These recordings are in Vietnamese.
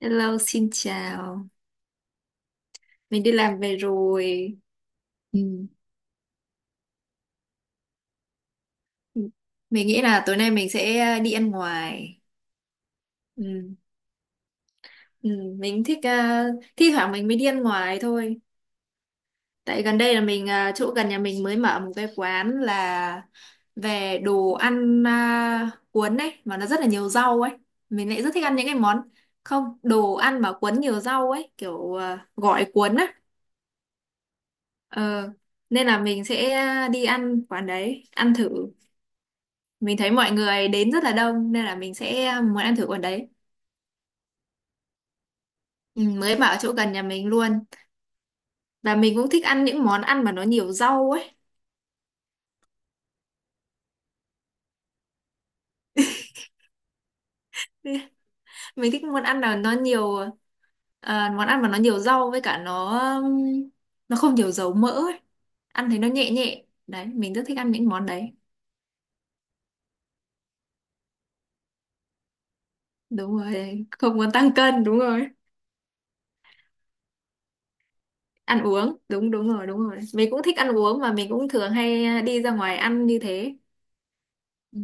Hello, xin chào. Mình đi làm về rồi. Ừ. Mình nghĩ là tối nay mình sẽ đi ăn ngoài. Ừ. Ừ. Mình thích thi thoảng mình mới đi ăn ngoài thôi. Tại gần đây là mình chỗ gần nhà mình mới mở một cái quán là về đồ ăn cuốn ấy mà nó rất là nhiều rau ấy. Mình lại rất thích ăn những cái món không đồ ăn mà cuốn nhiều rau ấy kiểu gỏi cuốn á. Ờ. Nên là mình sẽ đi ăn quán đấy ăn thử. Mình thấy mọi người đến rất là đông nên là mình sẽ muốn ăn thử quán đấy. Ừ, mới bảo chỗ gần nhà mình luôn, và mình cũng thích ăn những món ăn mà nó nhiều rau ấy. Mình thích món ăn nào nó nhiều món ăn mà nó nhiều rau với cả nó không nhiều dầu mỡ ấy. Ăn thấy nó nhẹ nhẹ đấy, mình rất thích ăn những món đấy. Đúng rồi, không muốn tăng cân, đúng rồi. Ăn uống đúng, đúng rồi, đúng rồi. Mình cũng thích ăn uống và mình cũng thường hay đi ra ngoài ăn như thế. Ừ.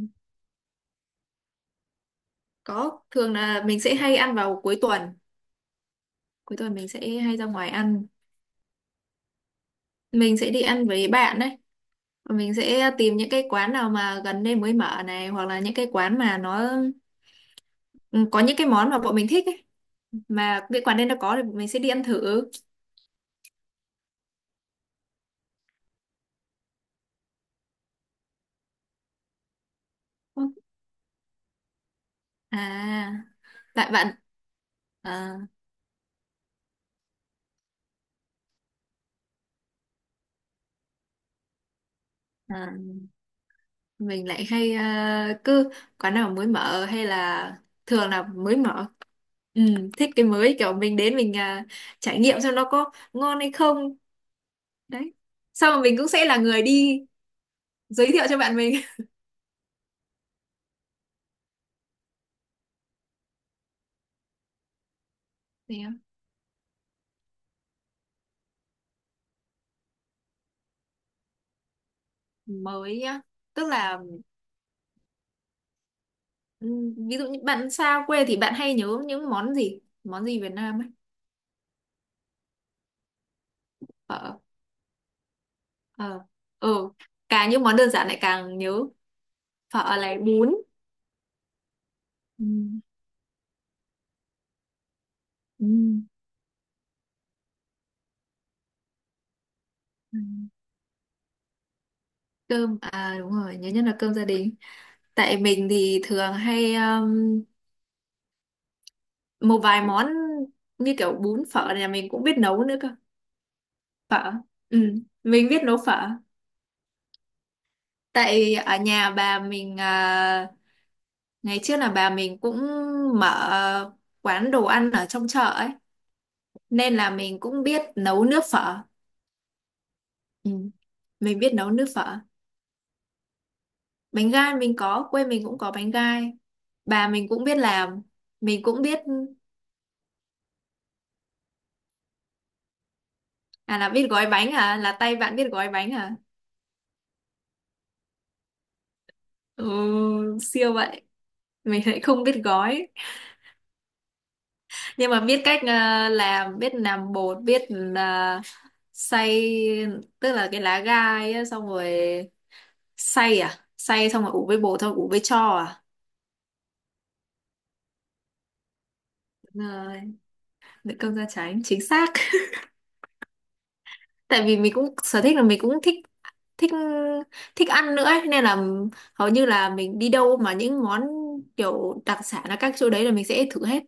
Có, thường là mình sẽ hay ăn vào cuối tuần, cuối tuần mình sẽ hay ra ngoài ăn. Mình sẽ đi ăn với bạn đấy. Và mình sẽ tìm những cái quán nào mà gần đây mới mở này, hoặc là những cái quán mà nó ừ, có những cái món mà bọn mình thích ấy, mà cái quán đấy nó có thì bọn mình sẽ đi ăn thử. À, bạn bạn à, à, mình lại hay cứ quán nào mới mở, hay là thường là mới mở. Ừ, thích cái mới, kiểu mình đến mình trải nghiệm xem nó có ngon hay không. Đấy, xong rồi mình cũng sẽ là người đi giới thiệu cho bạn mình. Thì mới á, tức là ví dụ như bạn xa quê thì bạn hay nhớ những món gì, món gì Việt Nam ấy. Phở. Ờ. Ừ. Càng những món đơn giản lại càng nhớ. Phở này, bún. Ừm. Ừm. Ừm. Cơm à? Đúng rồi, nhớ nhất là cơm gia đình. Tại mình thì thường hay một vài món như kiểu bún, phở này là mình cũng biết nấu nữa cơ. Phở. Ừ. Mình biết nấu phở. Tại ở nhà bà mình ngày trước là bà mình cũng mở quán đồ ăn ở trong chợ ấy, nên là mình cũng biết nấu nước phở. Ừ, mình biết nấu nước phở. Bánh gai mình có, quê mình cũng có bánh gai. Bà mình cũng biết làm, mình cũng biết. À, là biết gói bánh à? Là tay bạn biết gói bánh à? Ừ, siêu vậy. Mình lại không biết gói, nhưng mà biết cách làm, biết làm bột, biết xay. Tức là cái lá gai á, xong rồi xay à? Xay xong rồi ủ với bột thôi, ủ với cho à? Đúng rồi, đựng cơm da trắng, chính xác. Tại vì mình cũng sở thích là mình cũng thích thích thích ăn nữa ấy. Nên là hầu như là mình đi đâu mà những món kiểu đặc sản ở các chỗ đấy là mình sẽ thử hết.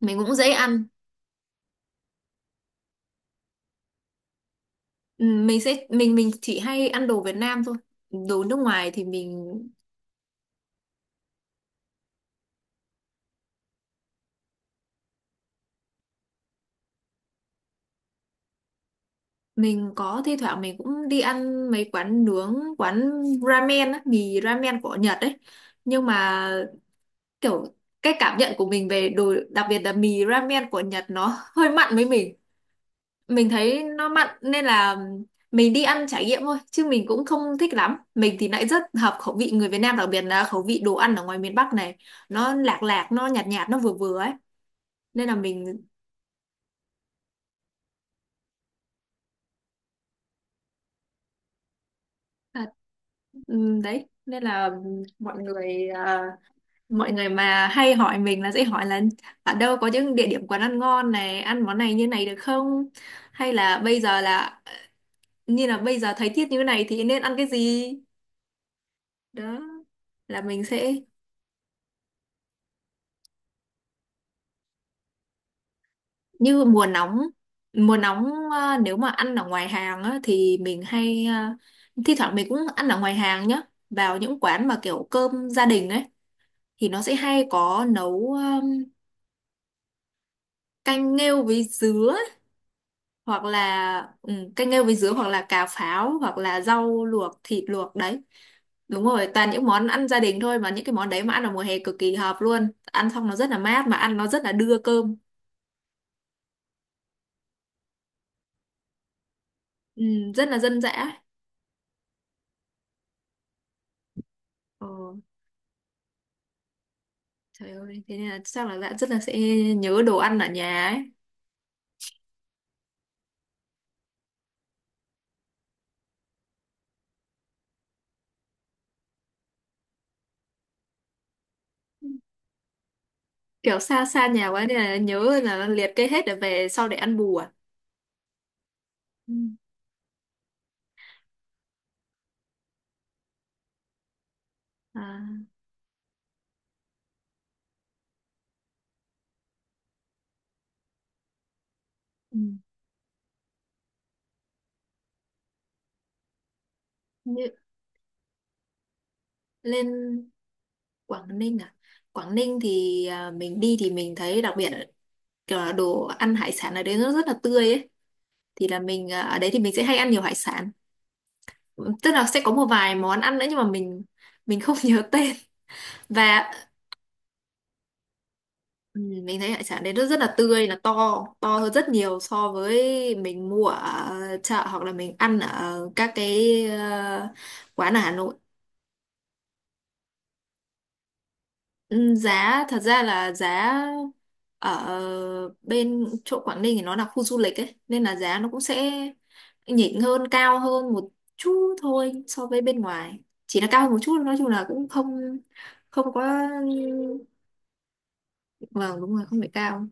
Mình cũng dễ ăn. Ừ, Mình sẽ mình chỉ hay ăn đồ Việt Nam thôi. Đồ nước ngoài thì mình có thi thoảng mình cũng đi ăn mấy quán nướng, quán ramen á, mì ramen của Nhật ấy. Nhưng mà kiểu cái cảm nhận của mình về đồ, đặc biệt là mì ramen của Nhật, nó hơi mặn với mình. Mình thấy nó mặn nên là mình đi ăn trải nghiệm thôi chứ mình cũng không thích lắm. Mình thì lại rất hợp khẩu vị người Việt Nam, đặc biệt là khẩu vị đồ ăn ở ngoài miền Bắc này. Nó lạc lạc, nó nhạt nhạt, nó vừa vừa ấy, nên là mình à, đấy. Nên là mọi người mọi người mà hay hỏi mình là sẽ hỏi là ở đâu có những địa điểm quán ăn ngon này, ăn món này như này được không, hay là bây giờ là, như là bây giờ thấy tiết như thế này thì nên ăn cái gì. Đó là mình sẽ. Như mùa nóng, mùa nóng nếu mà ăn ở ngoài hàng á, thì mình hay thi thoảng mình cũng ăn ở ngoài hàng nhá, vào những quán mà kiểu cơm gia đình ấy. Thì nó sẽ hay có nấu canh nghêu với dứa, hoặc là canh nghêu với dứa, hoặc là cà pháo, hoặc là rau luộc, thịt luộc đấy. Đúng rồi, toàn những món ăn gia đình thôi, mà những cái món đấy mà ăn vào mùa hè cực kỳ hợp luôn, ăn xong nó rất là mát, mà ăn nó rất là đưa cơm. Ừ, rất là dân dã. Ồ, trời ơi, thế nên là chắc là bạn rất là sẽ nhớ đồ ăn ở nhà ấy. Kiểu xa xa nhà quá nên là nhớ là liệt kê hết để về sau để ăn bù à? Ừ. À, ừ. Như, lên Quảng Ninh à? Quảng Ninh thì mình đi thì mình thấy đặc biệt kiểu là đồ ăn hải sản ở đấy nó rất là tươi ấy. Thì là mình ở đấy thì mình sẽ hay ăn nhiều hải sản. Tức là sẽ có một vài món ăn nữa nhưng mà mình không nhớ tên. Và ừ, mình thấy hải sản đấy nó rất là tươi, là to to hơn rất nhiều so với mình mua ở chợ hoặc là mình ăn ở các cái quán ở Hà Nội. Ừ, giá thật ra là giá ở bên chỗ Quảng Ninh thì nó là khu du lịch ấy, nên là giá nó cũng sẽ nhỉnh hơn, cao hơn một chút thôi so với bên ngoài. Chỉ là cao hơn một chút, nói chung là cũng không không quá. Vâng, đúng rồi, không phải cao.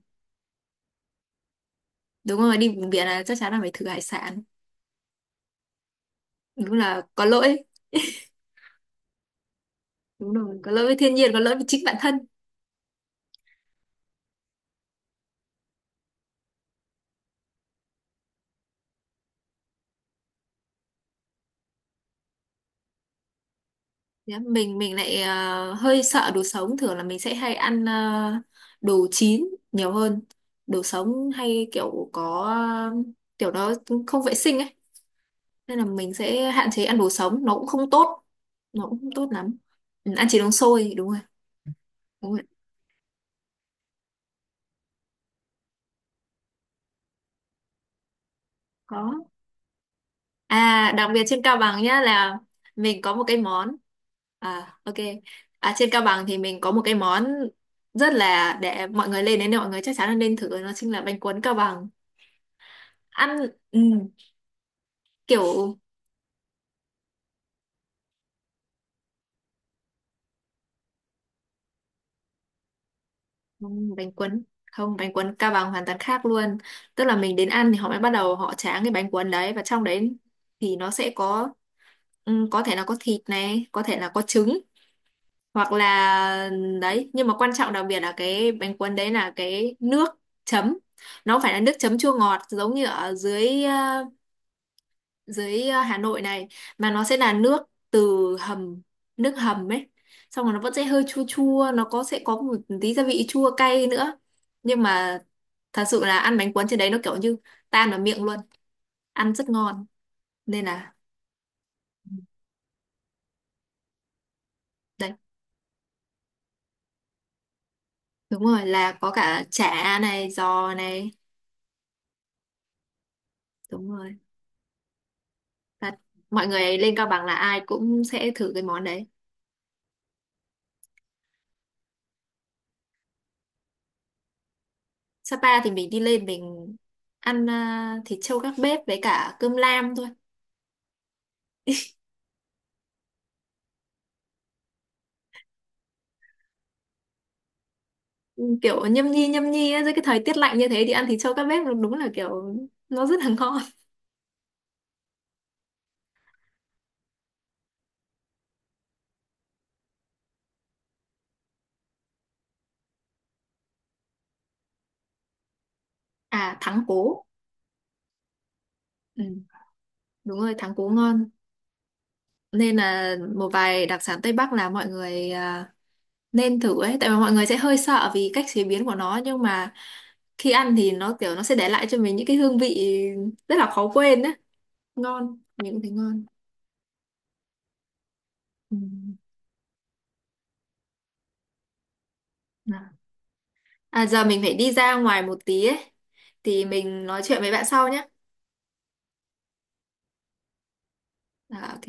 Đúng rồi, đi vùng biển là chắc chắn là phải thử hải sản. Đúng là có lỗi. Đúng rồi, có lỗi với thiên nhiên, có lỗi với chính bản thân. Dạ, mình lại hơi sợ đồ sống, thường là mình sẽ hay ăn đồ chín nhiều hơn. Đồ sống hay kiểu có ờ, kiểu nó không vệ sinh ấy, nên là mình sẽ hạn chế ăn đồ sống, nó cũng không tốt, nó cũng không tốt lắm. Ừ, ăn chỉ uống sôi, đúng rồi. Đúng rồi, có. À, đặc biệt trên Cao Bằng nhá, là mình có một cái món. À, ok. À, trên Cao Bằng thì mình có một cái món rất là, để mọi người lên đến đây mọi người chắc chắn là nên thử, nó chính là bánh cuốn Cao Bằng. Ăn. Ừ, kiểu. Ừ, bánh cuốn không, bánh cuốn Cao Bằng hoàn toàn khác luôn. Tức là mình đến ăn thì họ mới bắt đầu họ tráng cái bánh cuốn đấy, và trong đấy thì nó sẽ có, ừ, có thể là có thịt này, có thể là có trứng, hoặc là đấy. Nhưng mà quan trọng đặc biệt là cái bánh cuốn đấy là cái nước chấm, nó không phải là nước chấm chua ngọt giống như ở dưới, dưới Hà Nội này, mà nó sẽ là nước từ hầm, nước hầm ấy. Xong rồi nó vẫn sẽ hơi chua chua, nó có sẽ có một tí gia vị chua cay nữa, nhưng mà thật sự là ăn bánh cuốn trên đấy nó kiểu như tan vào miệng luôn, ăn rất ngon. Nên là đấy. Đúng rồi, là có cả chả này, giò này. Đúng rồi. Thật, mọi người lên Cao Bằng là ai cũng sẽ thử cái món đấy. Sapa thì mình đi lên mình ăn thịt trâu gác bếp với cả cơm lam thôi. Kiểu nhâm nhi á, dưới cái thời tiết lạnh như thế thì ăn thịt trâu các bếp đúng là kiểu nó rất là ngon. À, thắng cố. Ừ, đúng rồi, thắng cố ngon. Nên là một vài đặc sản Tây Bắc là mọi người nên thử ấy, tại vì mọi người sẽ hơi sợ vì cách chế biến của nó, nhưng mà khi ăn thì nó kiểu nó sẽ để lại cho mình những cái hương vị rất là khó quên ấy, ngon, mình cũng thấy ngon. Ừ. À, giờ mình phải đi ra ngoài một tí ấy, thì mình nói chuyện với bạn sau nhé. À, ok.